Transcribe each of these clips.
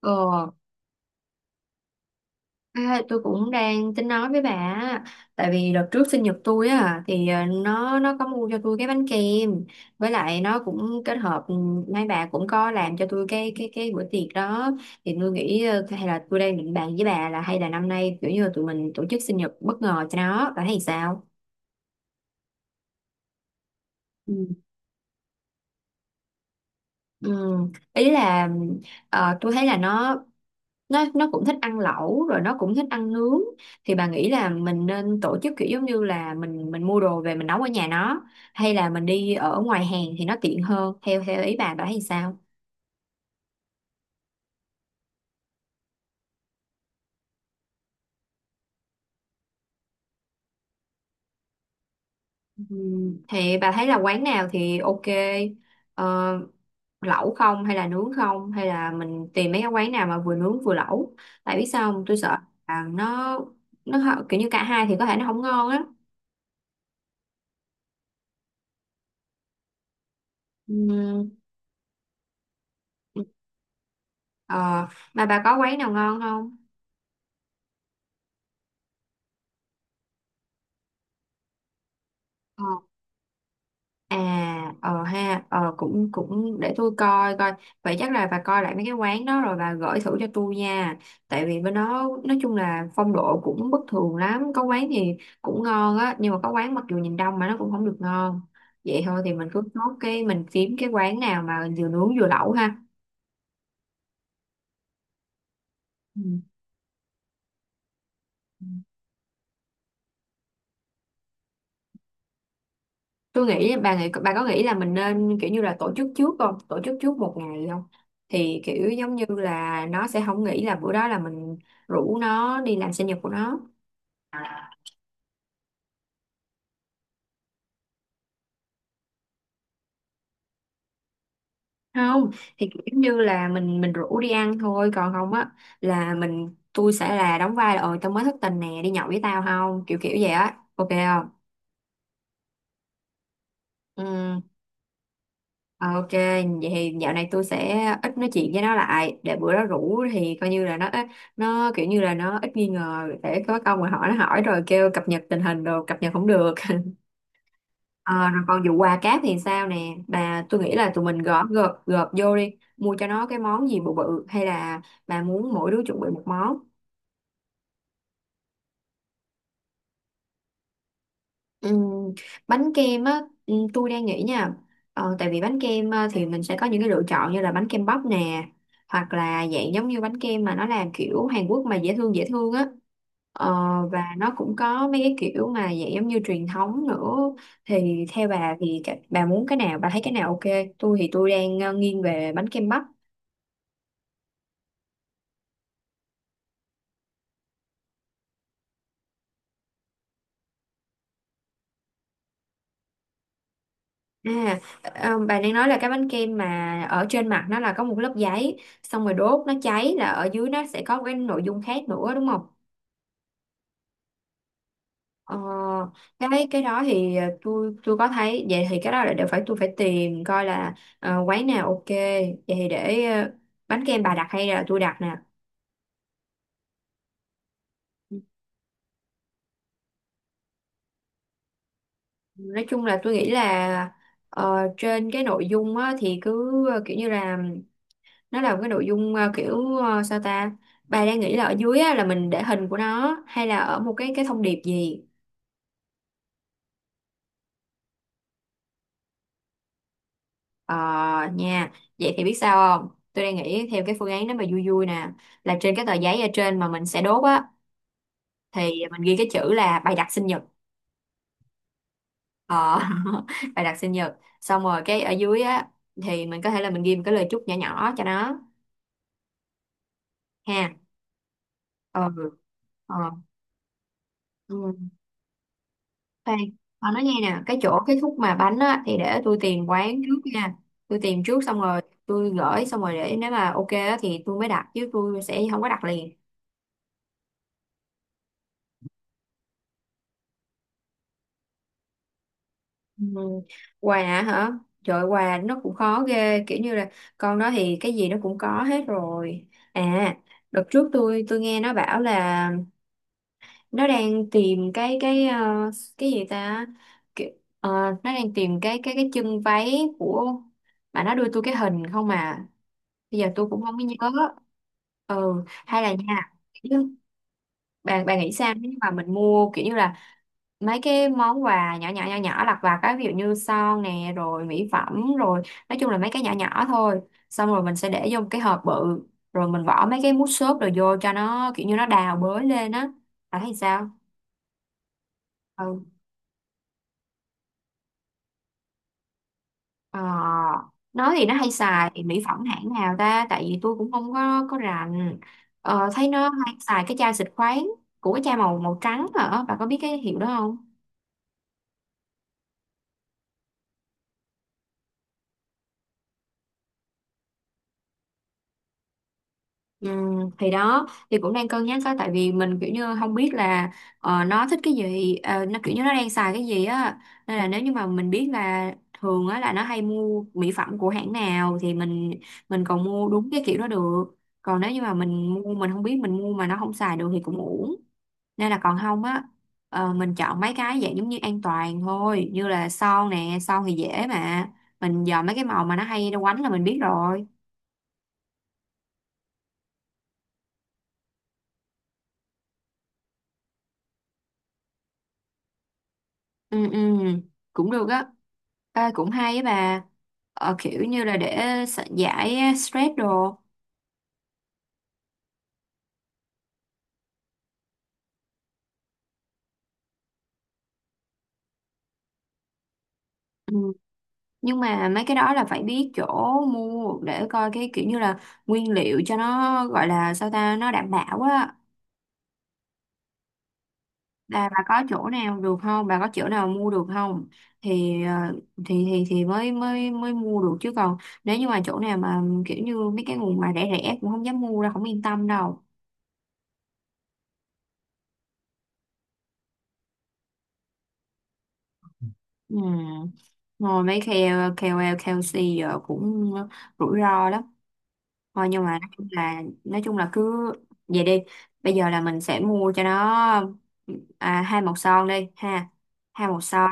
Ờ, tôi cũng đang tính nói với bà á. Tại vì đợt trước sinh nhật tôi á thì nó có mua cho tôi cái bánh kem, với lại nó cũng kết hợp mấy bà cũng có làm cho tôi cái bữa tiệc đó. Thì tôi nghĩ hay là tôi đang định bàn với bà là hay là năm nay kiểu như là tụi mình tổ chức sinh nhật bất ngờ cho nó, bà thấy sao? Ừ. Ừ, ý là tôi thấy là nó cũng thích ăn lẩu, rồi nó cũng thích ăn nướng. Thì bà nghĩ là mình nên tổ chức kiểu giống như là mình mua đồ về mình nấu ở nhà nó, hay là mình đi ở ngoài hàng thì nó tiện hơn, theo theo ý bà thấy sao? Thì bà thấy là quán nào thì ok. ờ, Lẩu không hay là nướng không, hay là mình tìm mấy cái quán nào mà vừa nướng vừa lẩu? Tại biết sao không? Tôi sợ là nó kiểu như cả hai thì có thể nó không ngon á. Ừm, ờ, mà bà có quán nào ngon không? À, ờ ha, ờ, cũng cũng để tôi coi coi. Vậy chắc là bà coi lại mấy cái quán đó rồi bà gửi thử cho tôi nha. Tại vì bên đó nói chung là phong độ cũng bất thường lắm. Có quán thì cũng ngon á, nhưng mà có quán mặc dù nhìn đông mà nó cũng không được ngon. Vậy thôi thì mình cứ nốt cái mình kiếm cái quán nào mà vừa nướng vừa lẩu ha. Ừ. Tôi nghĩ bà nghĩ, bà có nghĩ là mình nên kiểu như là tổ chức trước không, tổ chức trước một ngày không? Thì kiểu giống như là nó sẽ không nghĩ là bữa đó là mình rủ nó đi làm sinh nhật của nó. Không thì kiểu như là mình rủ đi ăn thôi, còn không á là mình, tôi sẽ là đóng vai là ờ tao mới thất tình nè, đi nhậu với tao không, kiểu kiểu vậy á, ok không? Ừ. Ờ, ok, vậy thì dạo này tôi sẽ ít nói chuyện với nó lại để bữa đó rủ thì coi như là nó kiểu như là nó ít nghi ngờ để có câu mà hỏi nó, hỏi rồi kêu cập nhật tình hình đồ, cập nhật không được. Ờ, rồi còn vụ quà cáp thì sao nè bà? Tôi nghĩ là tụi mình gõ gộp gộp vô đi, mua cho nó cái món gì bự bự, hay là bà muốn mỗi đứa chuẩn bị một món? Ừm, bánh kem á. Ừm, tôi đang nghĩ nha. Tại vì bánh kem thì mình sẽ có những cái lựa chọn như là bánh kem bắp nè, hoặc là dạng giống như bánh kem mà nó làm kiểu Hàn Quốc mà dễ thương á. Ờ, và nó cũng có mấy cái kiểu mà dạng giống như truyền thống nữa. Thì theo bà thì bà muốn cái nào, bà thấy cái nào ok? Tôi thì tôi đang nghiêng về bánh kem bắp. À, ờ, bà đang nói là cái bánh kem mà ở trên mặt nó là có một lớp giấy, xong rồi đốt nó cháy là ở dưới nó sẽ có cái nội dung khác nữa đúng không? Ờ, cái đó thì tôi có thấy vậy. Thì cái đó là đều phải tôi phải tìm coi là quán nào ok. Vậy thì để bánh kem bà đặt hay là tôi đặt nè? Nói chung là tôi nghĩ là trên cái nội dung á, thì cứ kiểu như là nó là một cái nội dung kiểu sao ta, bà đang nghĩ là ở dưới á, là mình để hình của nó hay là ở một cái thông điệp gì? ờ nha. Vậy thì biết sao không, tôi đang nghĩ theo cái phương án đó mà vui vui nè, là trên cái tờ giấy ở trên mà mình sẽ đốt á, thì mình ghi cái chữ là "bày đặt sinh nhật". ờ, Bày đặt sinh nhật xong rồi cái ở dưới á thì mình có thể là mình ghi một cái lời chúc nhỏ nhỏ cho nó ha. Ừ. Ờ. Ừ. Khoan, nói nghe nè, cái chỗ cái khúc mà bánh á thì để tôi tìm quán trước nha. Tôi tìm trước xong rồi tôi gửi, xong rồi để nếu mà ok á thì tôi mới đặt, chứ tôi sẽ không có đặt liền. Ừ. Quà hả? Trời, quà nó cũng khó ghê, kiểu như là con đó thì cái gì nó cũng có hết rồi. À, đợt trước tôi nghe nó bảo là nó đang tìm cái cái gì ta, Kiểu- ờ, nó đang tìm cái chân váy của, mà nó đưa tôi cái hình không à, bây giờ tôi cũng không có nhớ. Ừ, hay là nha, bà nghĩ sao nếu như mà mình mua kiểu như là mấy cái món quà nhỏ nhỏ lặt vặt á, ví dụ như son nè, rồi mỹ phẩm, rồi nói chung là mấy cái nhỏ nhỏ thôi, xong rồi mình sẽ để vô một cái hộp bự, rồi mình bỏ mấy cái mút xốp rồi vô cho nó kiểu như nó đào bới lên á, bạn thấy sao? Ừ. Ờ, nói thì nó hay xài thì mỹ phẩm hãng nào ta, tại vì tôi cũng không có rành. Ờ, thấy nó hay xài cái chai xịt khoáng của cái chai màu màu trắng hả, bạn có biết cái hiệu đó không? Ừ, thì đó thì cũng đang cân nhắc á, tại vì mình kiểu như không biết là nó thích cái gì, nó kiểu như nó đang xài cái gì á. Nên là nếu như mà mình biết là thường á là nó hay mua mỹ phẩm của hãng nào thì mình còn mua đúng cái kiểu đó được. Còn nếu như mà mình mua, mình không biết mình mua mà nó không xài được thì cũng uổng. Nên là còn không á, mình chọn mấy cái dạng giống như an toàn thôi, như là son nè, son thì dễ mà, mình dò mấy cái màu mà nó hay nó quánh là mình biết rồi. Ừ ừ, cũng được á. À, cũng hay á bà. Ờ, kiểu như là để giải stress đồ. Ừ. Nhưng mà mấy cái đó là phải biết chỗ mua để coi cái kiểu như là nguyên liệu cho nó, gọi là sao ta, nó đảm bảo á. Là bà có chỗ nào được không, bà có chỗ nào mua được không? Thì thì mới mới mới mua được, chứ còn nếu như mà chỗ nào mà kiểu như mấy cái nguồn mà rẻ rẻ cũng không dám mua đâu, không yên tâm đâu. Ừ. Ngồi mấy KOL, KOC giờ cũng rủi ro lắm. Thôi nhưng mà nói chung là cứ vậy đi. Bây giờ là mình sẽ mua cho nó à, hai màu son đi ha. Hai màu son.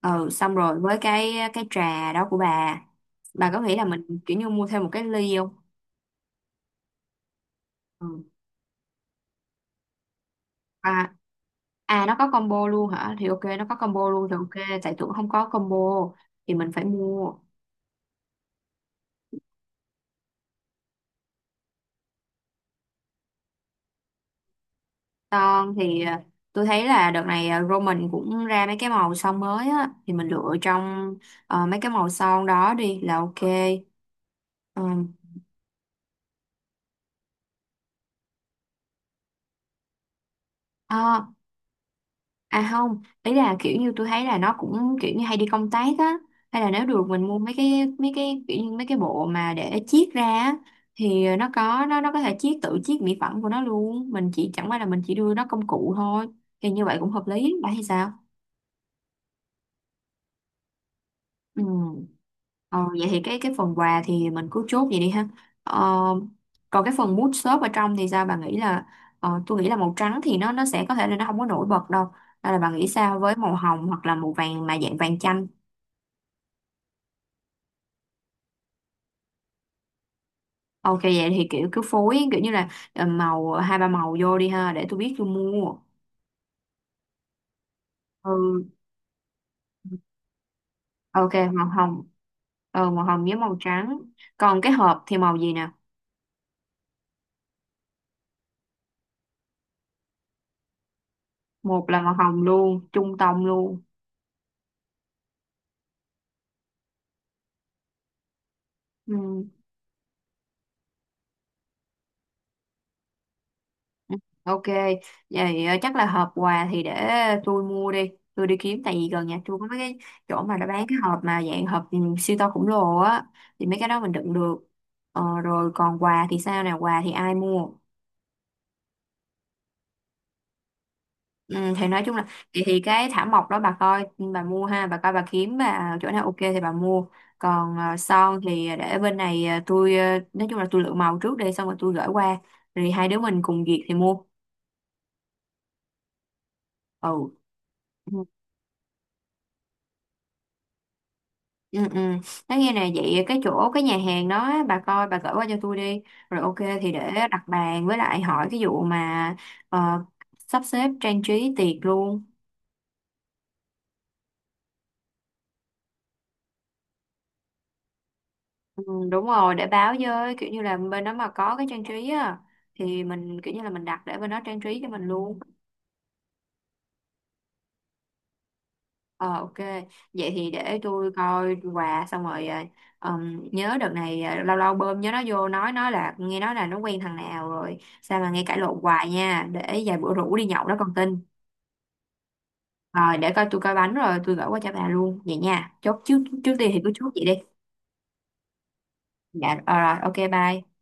Ừ, xong rồi với cái trà đó của bà. Bà có nghĩ là mình kiểu như mua thêm một cái ly không? Ừ. À, à nó có combo luôn hả? Thì ok, nó có combo luôn thì ok, tại tưởng không có combo thì mình phải mua. Son thì à, tôi thấy là đợt này à, Roman cũng ra mấy cái màu son mới á, thì mình lựa trong mấy cái màu son đó đi là ok. Ừ. À, à không, ý là kiểu như tôi thấy là nó cũng kiểu như hay đi công tác á, hay là nếu được mình mua mấy cái kiểu như mấy cái bộ mà để chiết ra á, thì nó có nó có thể chiết, tự chiết mỹ phẩm của nó luôn, mình chỉ chẳng qua là mình chỉ đưa nó công cụ thôi. Thì như vậy cũng hợp lý, bạn thì sao? Ừ. Ờ, vậy thì cái phần quà thì mình cứ chốt vậy đi ha. Ờ, còn cái phần mood shop ở trong thì sao, bà nghĩ là tôi nghĩ là màu trắng thì nó sẽ có thể là nó không có nổi bật đâu. Hay là bà nghĩ sao với màu hồng hoặc là màu vàng mà dạng vàng chanh? Ok vậy thì kiểu cứ phối kiểu như là màu hai ba màu vô đi ha để tôi biết tôi mua. Ừ. Ok màu hồng. Ừ, màu hồng với màu trắng. Còn cái hộp thì màu gì nè? Một là màu hồng luôn, trung tông luôn. Ừ. Ừ, ok, vậy chắc là hộp quà thì để tôi mua đi, tôi đi kiếm, tại vì gần nhà tôi có mấy cái chỗ mà đã bán cái hộp mà dạng hộp siêu to khổng lồ á, thì mấy cái đó mình đựng được. Ờ, rồi còn quà thì sao nào, quà thì ai mua? Ừ, thì nói chung là thì cái thảm mộc đó bà coi, bà mua ha, bà coi bà kiếm bà chỗ nào ok thì bà mua. Còn ờ, son thì để bên này tôi nói chung là tôi lựa màu trước đi, xong rồi tôi gửi qua, rồi hai đứa mình cùng duyệt thì mua. Ừ. Ừ, ừ. Nói nghe nè, vậy cái chỗ cái nhà hàng đó á, bà coi bà gửi qua cho tôi đi, rồi ok thì để đặt bàn, với lại hỏi cái vụ mà ờ, sắp xếp trang trí tiệc luôn. Ừ, đúng rồi, để báo với kiểu như là bên đó mà có cái trang trí á thì mình kiểu như là mình đặt để bên đó trang trí cho mình luôn. Ờ ok, vậy thì để tôi coi quà xong rồi nhớ đợt này lâu lâu bơm nhớ nó vô, nói nó là nghe nói là nó quen thằng nào rồi sao mà nghe cãi lộn hoài nha, để vài bữa rủ đi nhậu đó còn tin. Rồi, để coi, tôi coi bánh rồi tôi gửi qua cho bà luôn vậy nha. Chốt trước, trước tiên thì cứ chốt vậy đi. Dạ rồi, rồi ok bye.